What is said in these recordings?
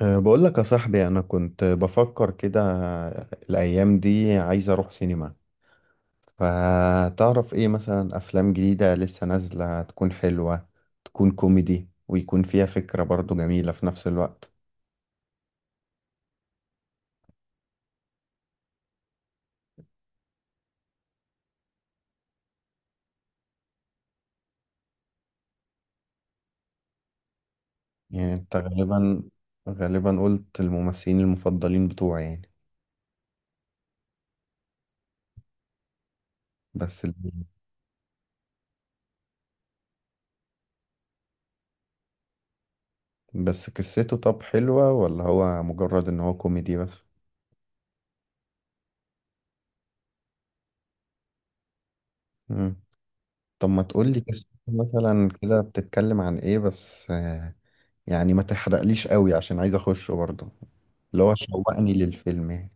بقول لك يا صاحبي، انا كنت بفكر كده الايام دي عايز اروح سينما. فتعرف ايه مثلا افلام جديدة لسه نازلة تكون حلوة، تكون كوميدي ويكون فيها فكرة برضو جميلة في نفس الوقت؟ يعني انت غالبا قلت الممثلين المفضلين بتوعي يعني. بس ال... بس قصته طب حلوة ولا هو مجرد ان هو كوميدي بس؟ مم. طب ما تقولي قصته مثلا كده بتتكلم عن ايه بس. يعني ما تحرقليش قوي عشان عايز اخشه برضه، اللي هو شوقني للفيلم يعني.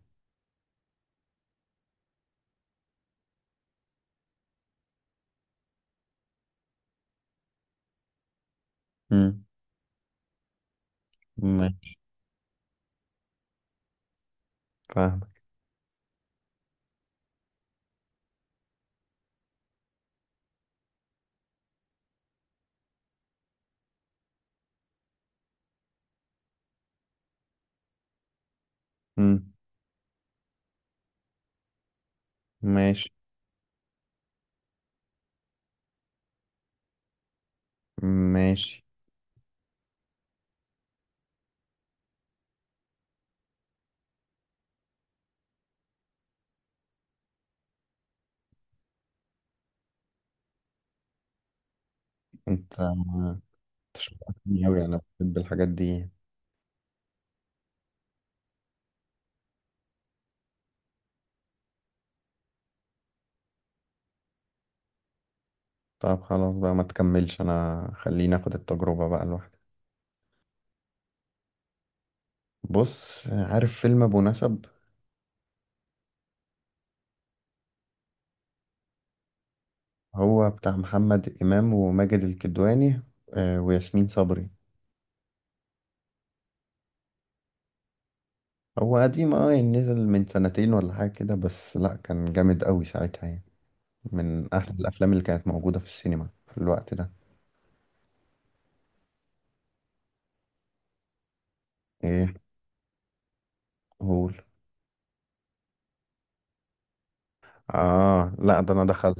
امم. ماشي. فاهمك. امم. ماشي. ماشي. أنت شوقتني قوي، انا بحب الحاجات دي. طب خلاص بقى ما تكملش، انا خليني اخد التجربة بقى لوحدي. بص، عارف فيلم ابو نسب؟ هو بتاع محمد امام وماجد الكدواني وياسمين صبري. هو قديم يعني نزل من سنتين ولا حاجة كده، بس لا كان جامد قوي ساعتها يعني، من أحلى الأفلام اللي كانت موجودة في السينما في الوقت ده. إيه؟ قول. آه، لا ده أنا دخلت.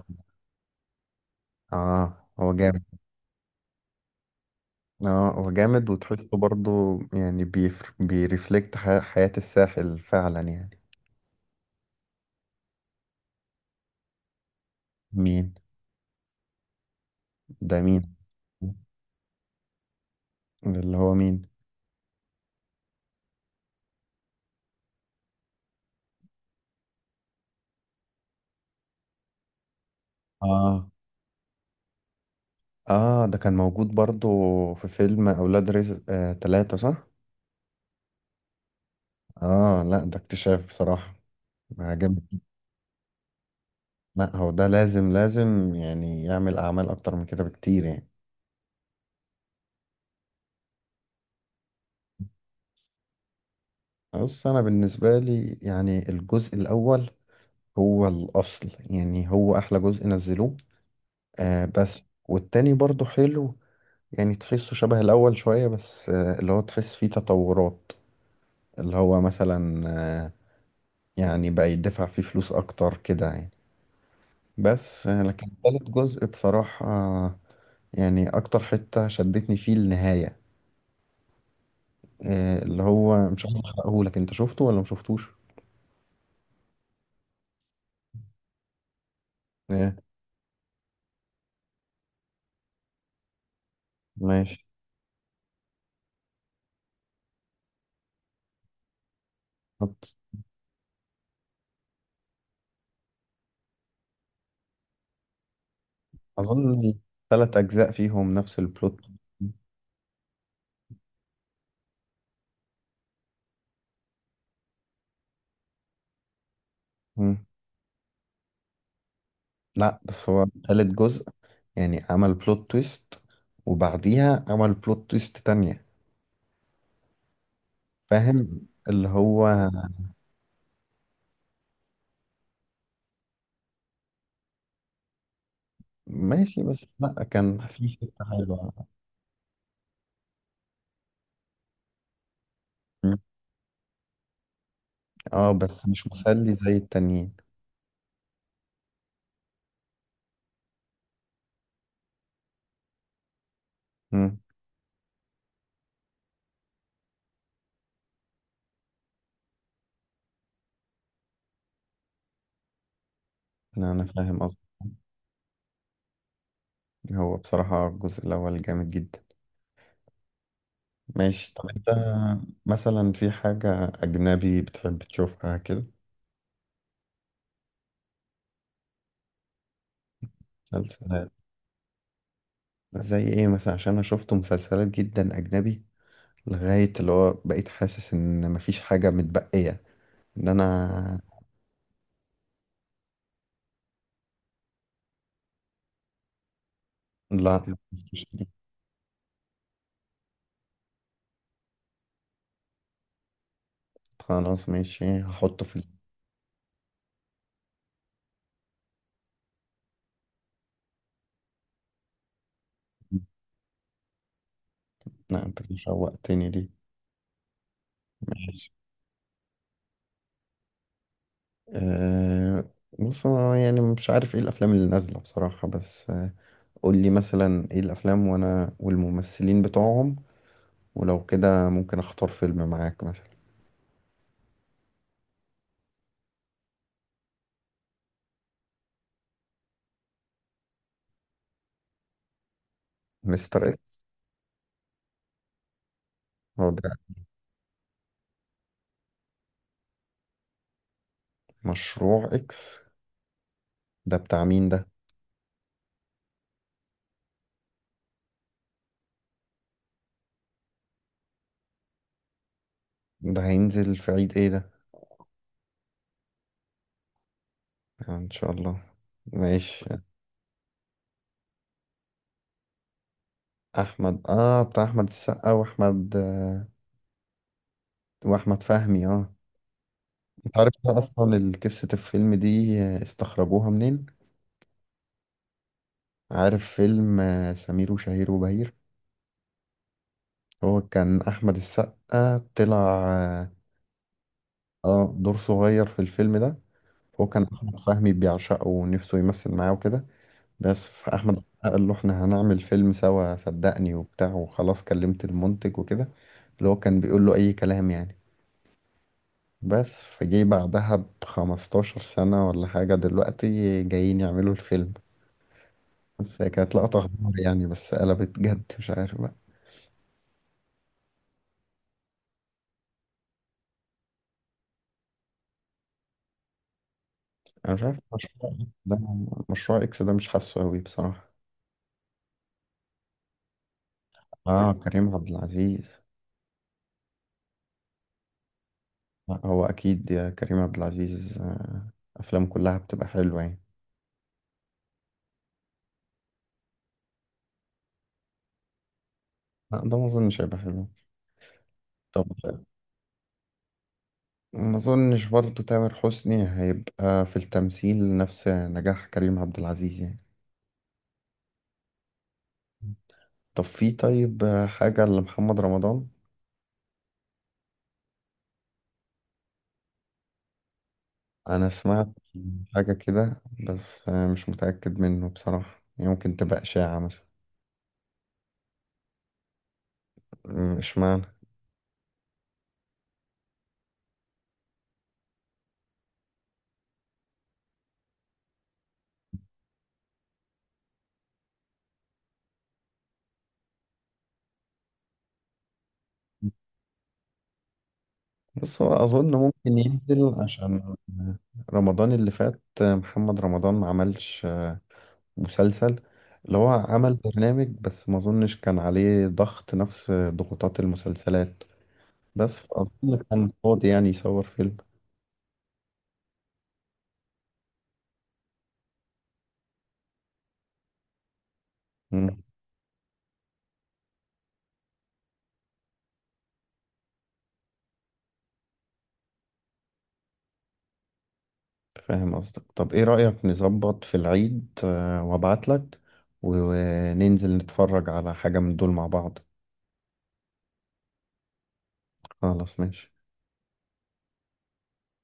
آه، هو جامد. آه، هو جامد وتحسه برضه يعني بيرفلكت حياة الساحل فعلا يعني. مين ده؟ مين؟ اللي هو مين؟ آه. آه، ده كان موجود برضه في فيلم أولاد رزق تلاتة، صح؟ آه، لا ده اكتشاف بصراحة، عجبني. لا هو ده لازم لازم يعني يعمل أعمال أكتر من كده بكتير يعني. بص، انا بالنسبه لي يعني الجزء الاول هو الاصل، يعني هو احلى جزء نزلوه. بس والتاني برضو حلو، يعني تحسه شبه الاول شويه، بس اللي هو تحس فيه تطورات، اللي هو مثلا، آه يعني بقى يدفع فيه فلوس اكتر كده يعني. بس لكن تالت جزء بصراحه يعني اكتر حته شدتني فيه النهايه. اللي هو مش عايز احرقهولك، انت شفته ولا مشفتوش؟ آه، ماشي. أظن ثلاث أجزاء فيهم نفس البلوت. مم. لا بس هو تالت جزء يعني عمل بلوت تويست وبعديها عمل بلوت تويست تانية. فاهم اللي هو. ماشي بس لا كان في فكرة حلوة. مم. اه بس مش مسلي زي التانيين. مم. لا أنا فاهم قصدي. هو بصراحة الجزء الأول جامد جدا. ماشي. طب أنت مثلا في حاجة أجنبي بتحب تشوفها كده؟ مسلسلات؟ زي ايه مثلا؟ عشان انا شفت مسلسلات جدا اجنبي لغاية اللي هو بقيت حاسس ان مفيش حاجة متبقية، ان انا. لا، مفيش دي. خلاص، ماشي هحطه في لا انت كده شوقتني ليه. ماشي. أه، بص انا يعني مش عارف ايه الافلام اللي نازلة بصراحة، بس قول لي مثلا ايه الافلام وانا والممثلين بتوعهم، ولو كده ممكن اختار فيلم معاك مثلا. مستر اكس؟ هو ده. مشروع اكس ده بتاع مين ده؟ ده هينزل في عيد ايه ده؟ آه، ان شاء الله. ماشي. احمد، بتاع احمد السقا واحمد واحمد فهمي انت عارف ده اصلا قصة الفيلم دي استخرجوها منين؟ عارف فيلم سمير وشهير وبهير؟ هو كان احمد السقا طلع دور صغير في الفيلم ده. هو كان احمد فهمي بيعشقه ونفسه يمثل معاه وكده، بس فاحمد السقا قال له احنا هنعمل فيلم سوا صدقني وبتاع، وخلاص كلمت المنتج وكده، اللي هو كان بيقول له أي كلام يعني. بس فجي بعدها ب15 سنة ولا حاجة، دلوقتي جايين يعملوا الفيلم. بس هي كانت لقطة غدار يعني، بس قلبت جد مش عارف بقى. أنا مش عارف مشروع. ده مشروع إكس ده مش حاسه أوي بصراحة. آه، كريم عبد العزيز. لا هو أكيد يا كريم عبد العزيز أفلام كلها بتبقى حلوة يعني. لا ده ما أظنش هيبقى حلو. طب ما أظنش برضه تامر حسني هيبقى في التمثيل نفس نجاح كريم عبد العزيز يعني. طب في طيب حاجة لمحمد رمضان؟ أنا سمعت حاجة كده، بس مش متأكد منه بصراحة، يمكن تبقى إشاعة مثلا. إشمعنى؟ بص، هو أظن ممكن ينزل عشان رمضان اللي فات محمد رمضان ما عملش مسلسل. اللي هو عمل برنامج بس ما أظنش كان عليه ضغط نفس ضغوطات المسلسلات، بس أظن كان فاضي يعني يصور فيلم. فاهم قصدك. طب ايه رأيك نظبط في العيد وابعتلك وننزل نتفرج على حاجة من دول مع بعض؟ خلاص ماشي.